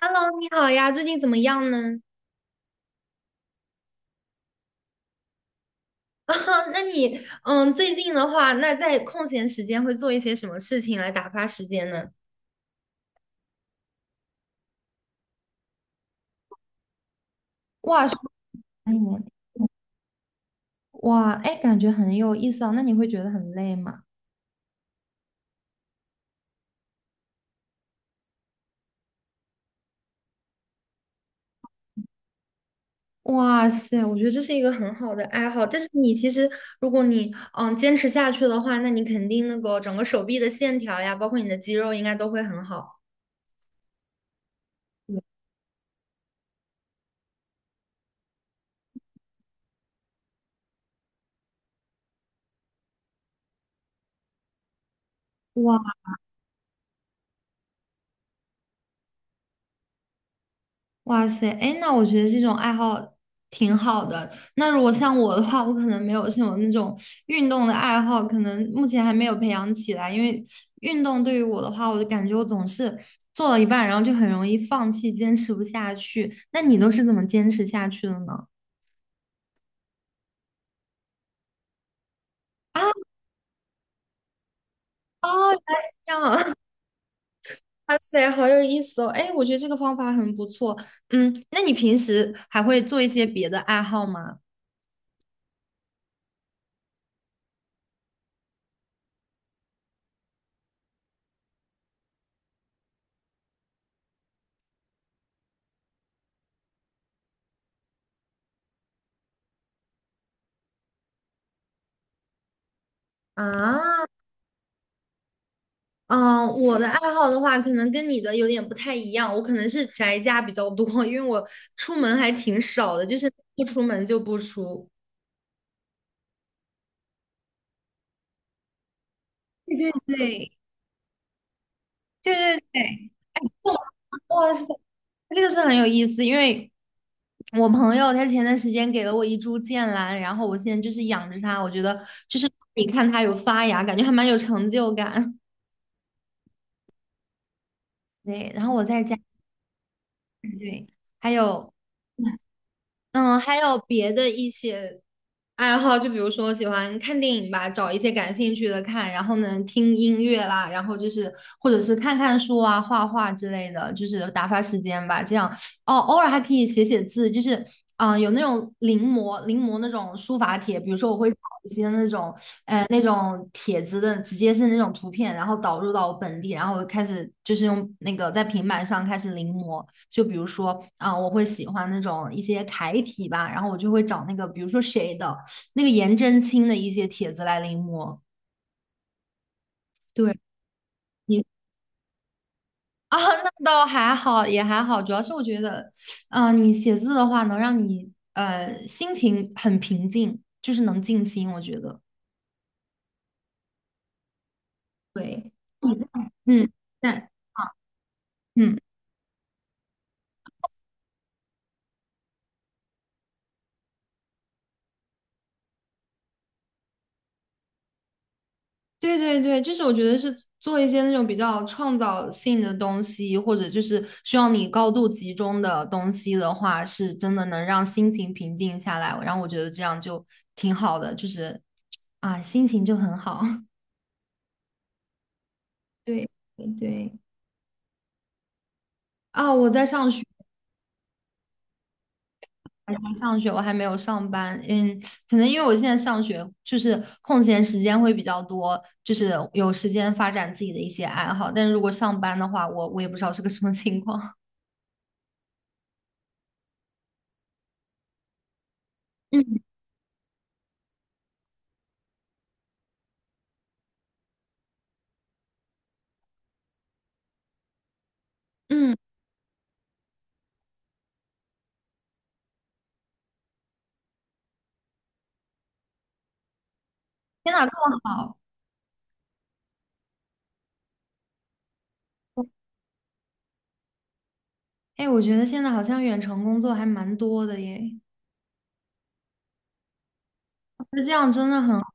Hello，你好呀，最近怎么样呢？啊，那你，最近的话，那在空闲时间会做一些什么事情来打发时间呢？哇说得很哇，哎，感觉很有意思啊。那你会觉得很累吗？哇塞，我觉得这是一个很好的爱好，但是你其实，如果你，坚持下去的话，那你肯定那个整个手臂的线条呀，包括你的肌肉，应该都会很好。哇。哇塞，哎，那我觉得这种爱好挺好的。那如果像我的话，我可能没有像种那种运动的爱好，可能目前还没有培养起来。因为运动对于我的话，我就感觉我总是做到一半，然后就很容易放弃，坚持不下去。那你都是怎么坚持下去的呢？啊，哦，原来是这样，哇塞，好有意思哦！哎，我觉得这个方法很不错。嗯，那你平时还会做一些别的爱好吗？啊，嗯，我的爱好的话，可能跟你的有点不太一样。我可能是宅家比较多，因为我出门还挺少的，就是不出门就不出。对对对对对对，哇塞，这个是很有意思，因为我朋友他前段时间给了我一株剑兰，然后我现在就是养着它，我觉得就是你看它有发芽，感觉还蛮有成就感。对，然后我在家，对，还有嗯，还有别的一些爱好，就比如说喜欢看电影吧，找一些感兴趣的看，然后呢听音乐啦，然后就是或者是看看书啊、画画之类的，就是打发时间吧。这样哦，偶尔还可以写写字，就是啊，有那种临摹那种书法帖，比如说我会找一些那种那种帖子的，直接是那种图片，然后导入到我本地，然后我开始就是用那个在平板上开始临摹。就比如说啊、我会喜欢那种一些楷体吧，然后我就会找那个，比如说谁的那个颜真卿的一些帖子来临摹。对你啊，那倒还好，也还好，主要是我觉得，嗯、你写字的话能让你心情很平静，就是能静心，我觉得。对，你嗯，但嗯。对对对，就是我觉得是做一些那种比较创造性的东西，或者就是需要你高度集中的东西的话，是真的能让心情平静下来。然后我觉得这样就挺好的，就是啊，心情就很好。对对对，啊，我在上学，我还没有上班。嗯，可能因为我现在上学，就是空闲时间会比较多，就是有时间发展自己的一些爱好。但如果上班的话，我也不知道是个什么情况。嗯嗯。天呐，这么好！哎，我觉得现在好像远程工作还蛮多的耶，那这样真的很好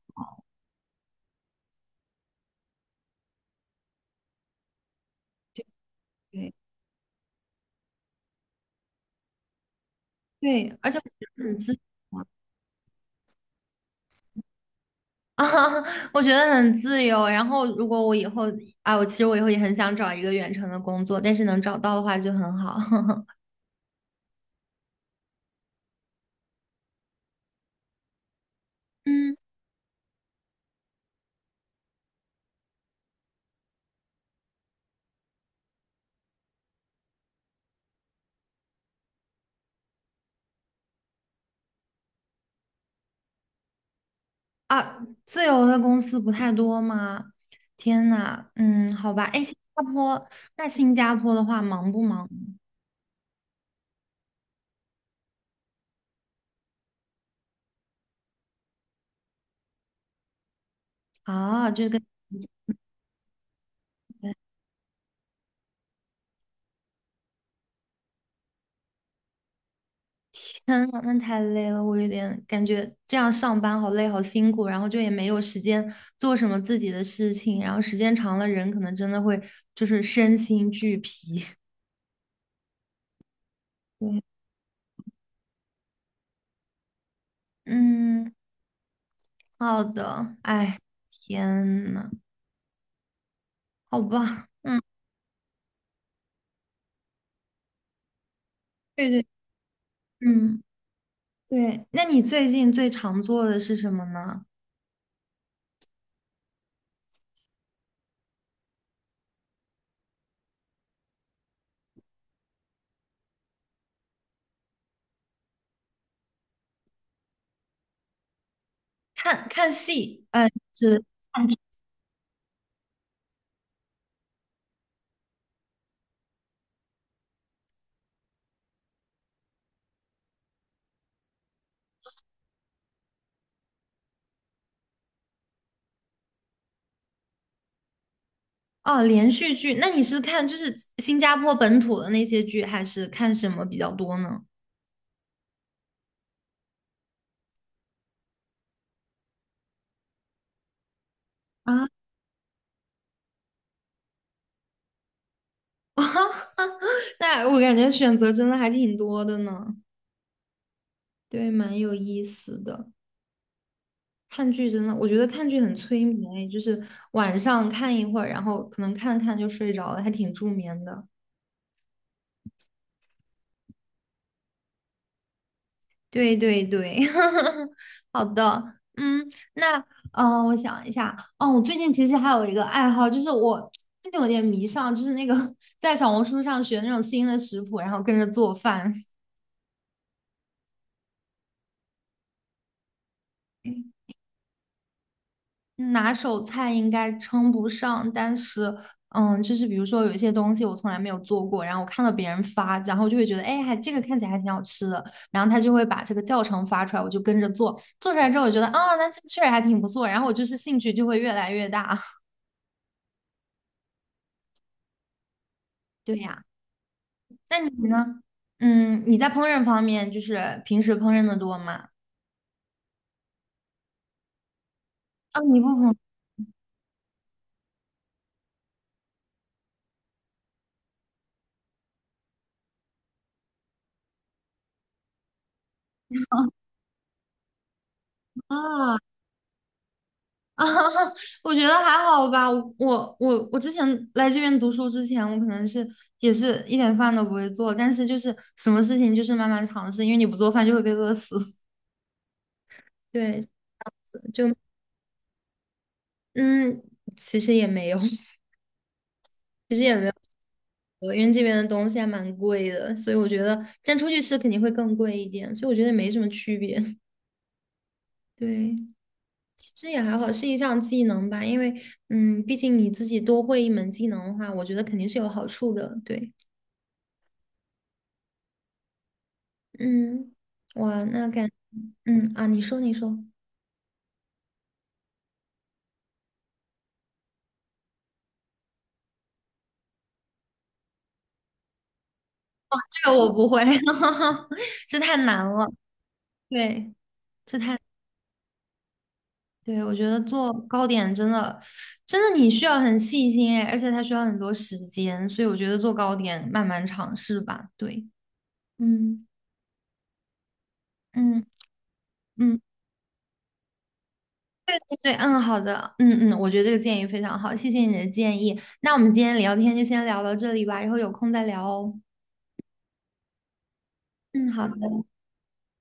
对对，而且我觉得很自由啊，我觉得很自由。然后，如果我以后啊，我其实我以后也很想找一个远程的工作，但是能找到的话就很好。嗯啊，自由的公司不太多吗？天呐，嗯，好吧。哎，新加坡，那新加坡的话忙不忙啊？就跟。天呐，那太累了，我有点感觉这样上班好累，好辛苦，然后就也没有时间做什么自己的事情，然后时间长了，人可能真的会就是身心俱疲。对，嗯，好的，哎，天呐，好吧，嗯，对对，嗯，对，那你最近最常做的是什么呢？看戏，呃，是哦，连续剧，那你是看就是新加坡本土的那些剧，还是看什么比较多呢？啊。那我感觉选择真的还挺多的呢，对，蛮有意思的。看剧真的，我觉得看剧很催眠欸，就是晚上看一会儿，然后可能看看就睡着了，还挺助眠的。对对对，好的，嗯，那我想一下，哦，我最近其实还有一个爱好，就是我最近有点迷上，就是那个 在小红书上学那种新的食谱，然后跟着做饭。拿手菜应该称不上，但是，嗯，就是比如说有一些东西我从来没有做过，然后我看到别人发，然后就会觉得，哎，还这个看起来还挺好吃的，然后他就会把这个教程发出来，我就跟着做，做出来之后我觉得，啊，那这确实还挺不错，然后我就是兴趣就会越来越大。对呀，那你呢？嗯，你在烹饪方面就是平时烹饪的多吗？啊，你不烹啊？啊，我觉得还好吧。我之前来这边读书之前，我可能是也是一点饭都不会做，但是就是什么事情就是慢慢尝试，因为你不做饭就会被饿死。对，就嗯，其实也没有，因为这边的东西还蛮贵的，所以我觉得，但出去吃肯定会更贵一点，所以我觉得也没什么区别。对，其实也还好，是一项技能吧，因为嗯，毕竟你自己多会一门技能的话，我觉得肯定是有好处的。对。嗯，哇，那感，嗯啊，你说，这个我不会，这太难了。对，这太，对，我觉得做糕点真的，真的你需要很细心哎，而且它需要很多时间，所以我觉得做糕点慢慢尝试吧。对，嗯嗯嗯，对对对，嗯，好的，嗯嗯，我觉得这个建议非常好，谢谢你的建议。那我们今天聊天就先聊到这里吧，以后有空再聊哦。嗯，好的，